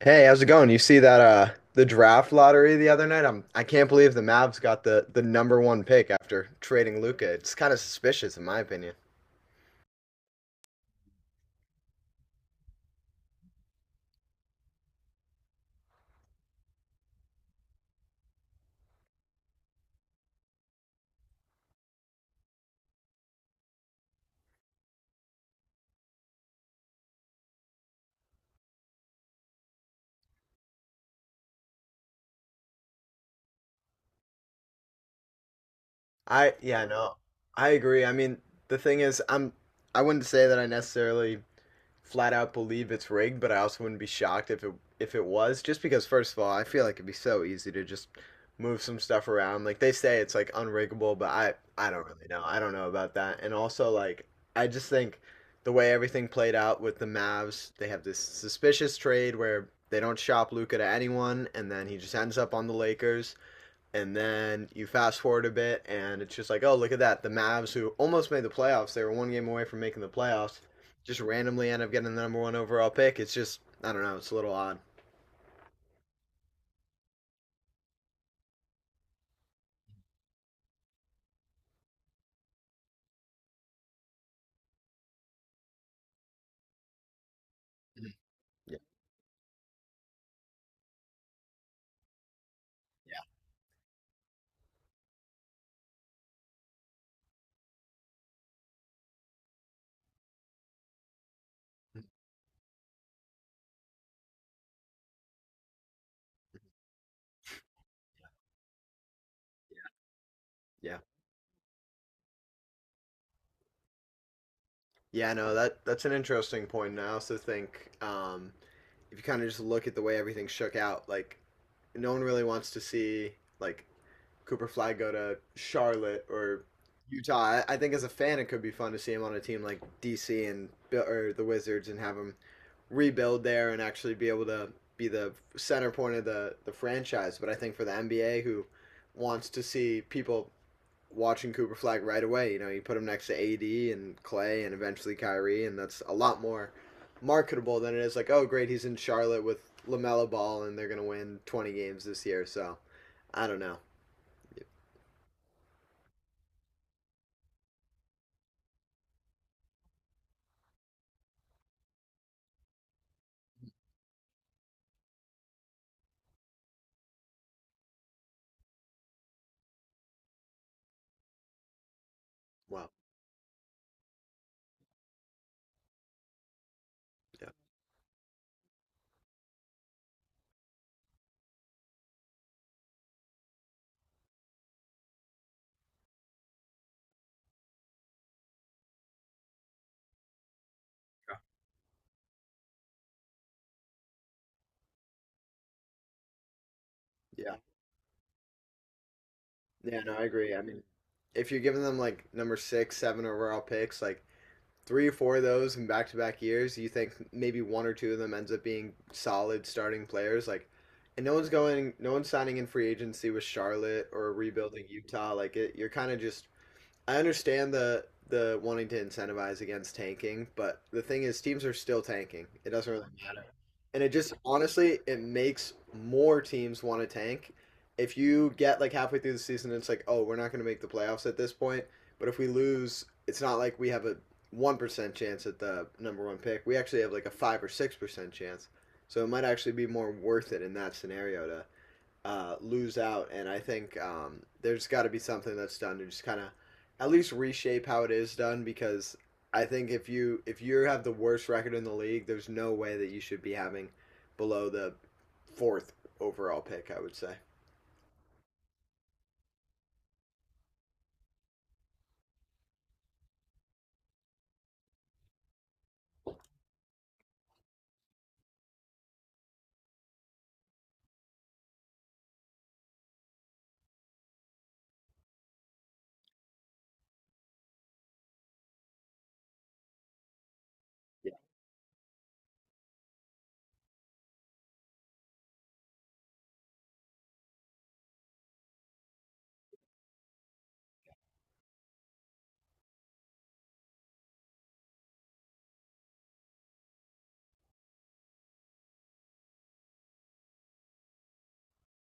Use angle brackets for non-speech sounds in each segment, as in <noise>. Hey, how's it going? You see that the draft lottery the other night? I can't believe the Mavs got the number one pick after trading Luca. It's kind of suspicious in my opinion. I yeah, no. I agree. I mean, the thing is, I wouldn't say that I necessarily flat out believe it's rigged, but I also wouldn't be shocked if it was. Just because, first of all, I feel like it'd be so easy to just move some stuff around. Like they say, it's like unriggable, but I don't really know. I don't know about that. And also, like I just think the way everything played out with the Mavs, they have this suspicious trade where they don't shop Luca to anyone, and then he just ends up on the Lakers. And then you fast forward a bit, and it's just like, oh, look at that. The Mavs, who almost made the playoffs, they were one game away from making the playoffs, just randomly end up getting the number one overall pick. It's just, I don't know, it's a little odd. Yeah. Yeah. Yeah, no, that, that's an interesting point. And I also think if you kind of just look at the way everything shook out, like, no one really wants to see, like, Cooper Flag go to Charlotte or Utah. I think as a fan, it could be fun to see him on a team like DC and or the Wizards and have him rebuild there and actually be able to be the center point of the franchise. But I think for the NBA, who wants to see people watching Cooper Flag right away, you know, you put him next to AD and Clay and eventually Kyrie, and that's a lot more marketable than it is like, oh, great, he's in Charlotte with Lamelo Ball and they're gonna win 20 games this year. So I don't know. Well, yeah. Yeah. Yeah, no, I agree. I mean, if you're giving them like number six, seven overall picks, like three or four of those in back to back years, you think maybe one or two of them ends up being solid starting players. Like, and no one's going, no one's signing in free agency with Charlotte or rebuilding Utah. Like, it, you're kind of just I understand the wanting to incentivize against tanking, but the thing is, teams are still tanking. It doesn't really matter, and it just honestly it makes more teams want to tank. If you get like halfway through the season, it's like, oh, we're not going to make the playoffs at this point. But if we lose, it's not like we have a 1% chance at the number one pick. We actually have like a 5 or 6% chance. So it might actually be more worth it in that scenario to lose out, and I think there's got to be something that's done to just kind of at least reshape how it is done because I think if you have the worst record in the league, there's no way that you should be having below the fourth overall pick. I would say. Yeah.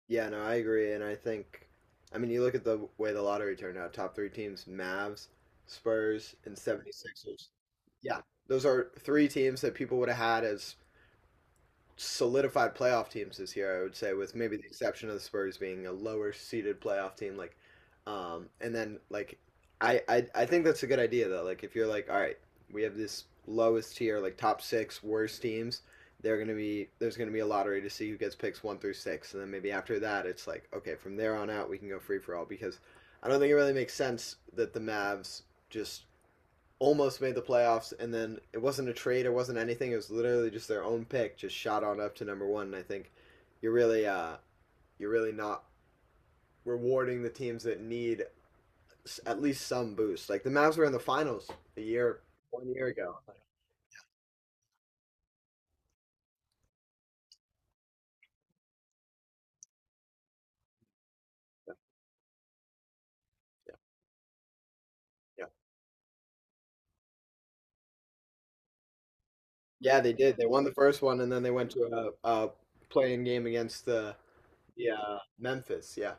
Yeah. No, I agree, and I think I mean you look at the way the lottery turned out. Top three teams: Mavs, Spurs, and 76ers. Yeah, those are three teams that people would have had as solidified playoff teams this year. I would say, with maybe the exception of the Spurs being a lower seeded playoff team. Like, and then like, I, I think that's a good idea though. Like, if you're like, all right, we have this lowest tier, like top six worst teams. They're gonna be There's gonna be a lottery to see who gets picks one through six, and then maybe after that, it's like okay, from there on out, we can go free for all because I don't think it really makes sense that the Mavs just almost made the playoffs, and then it wasn't a trade, it wasn't anything. It was literally just their own pick, just shot on up to number one. And I think you're really, uh, you're really not rewarding the teams that need at least some boost. Like the Mavs were in the finals a year, 1 year ago. Yeah, yeah, they did. They won the first one, and then they went to a playing game against the yeah Memphis. Yeah,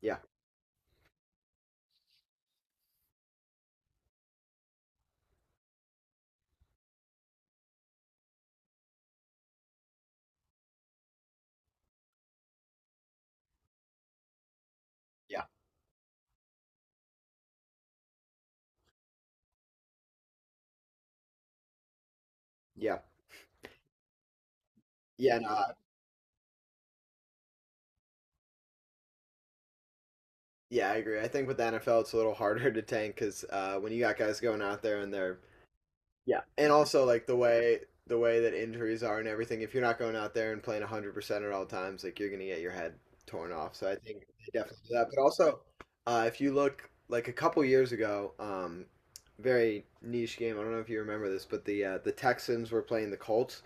yeah, yeah, yeah. Yeah, no, yeah, I agree. I think with the NFL, it's a little harder <laughs> to tank because when you got guys going out there and they're Yeah, and also like the way that injuries are and everything. If you're not going out there and playing 100% at all times, like you're gonna get your head torn off. So I think they definitely do that. But also, if you look like a couple years ago, very niche game. I don't know if you remember this, but the Texans were playing the Colts,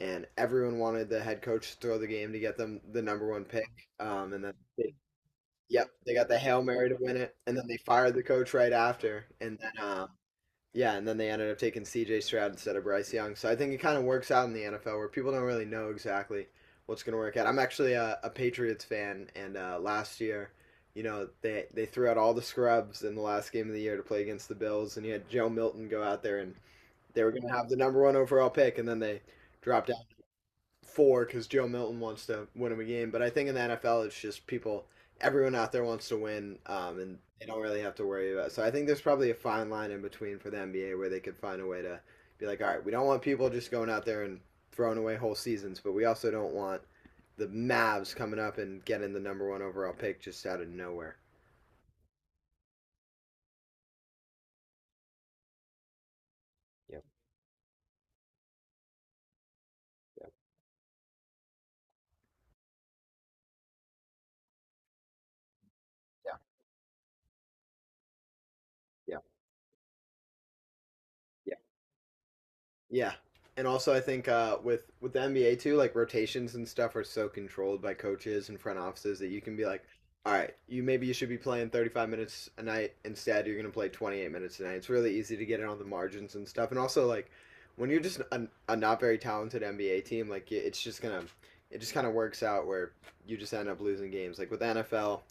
and everyone wanted the head coach to throw the game to get them the number one pick. Um, and then they, yep, they got the hail mary to win it, and then they fired the coach right after, and then. Yeah, and then they ended up taking C.J. Stroud instead of Bryce Young. So I think it kind of works out in the NFL where people don't really know exactly what's going to work out. I'm actually a Patriots fan, and last year, you know, they threw out all the scrubs in the last game of the year to play against the Bills, and you had Joe Milton go out there, and they were going to have the number one overall pick, and then they dropped four because Joe Milton wants to win him a game. But I think in the NFL, it's just people, everyone out there wants to win, and they don't really have to worry about. It. So I think there's probably a fine line in between for the NBA where they could find a way to be like, all right, we don't want people just going out there and throwing away whole seasons, but we also don't want the Mavs coming up and getting the number one overall pick just out of nowhere. Yeah, yeah, yeah, yeah. Yeah. And also I think with the NBA too, like rotations and stuff are so controlled by coaches and front offices that you can be like, all right, you maybe you should be playing 35 minutes a night instead you're going to play 28 minutes a night. It's really easy to get in on the margins and stuff. And also like when you're just a not very talented NBA team, like it- it's just going to it just kind of works out where you just end up losing games. Like with NFL,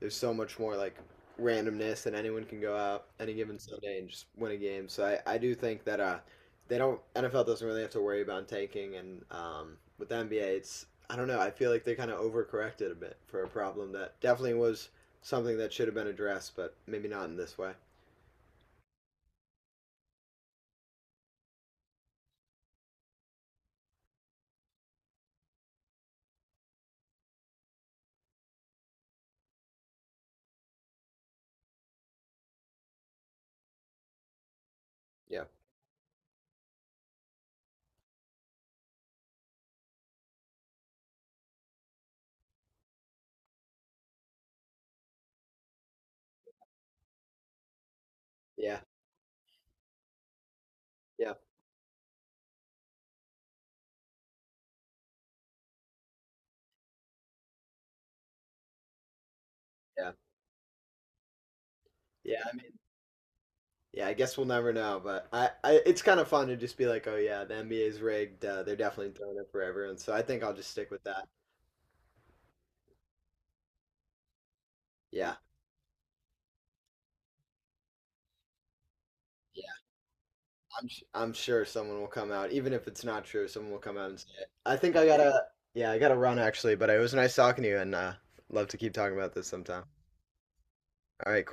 there's so much more like randomness and anyone can go out any given Sunday and just win a game. So I do think that they don't NFL doesn't really have to worry about tanking, and with the NBA, it's I don't know. I feel like they kind of overcorrected a bit for a problem that definitely was something that should have been addressed, but maybe not in this way. Yeah, yeah, yeah, yeah, yeah, yeah. I guess we'll never know, but I it's kind of fun to just be like, oh yeah, the NBA's rigged. They're definitely throwing it for everyone. So I think I'll just stick with that. Yeah, I'm sure someone will come out, even if it's not true. Someone will come out and say it. I think I gotta, yeah, I gotta run actually. But it was nice talking to you, and love to keep talking about this sometime. All right, cool.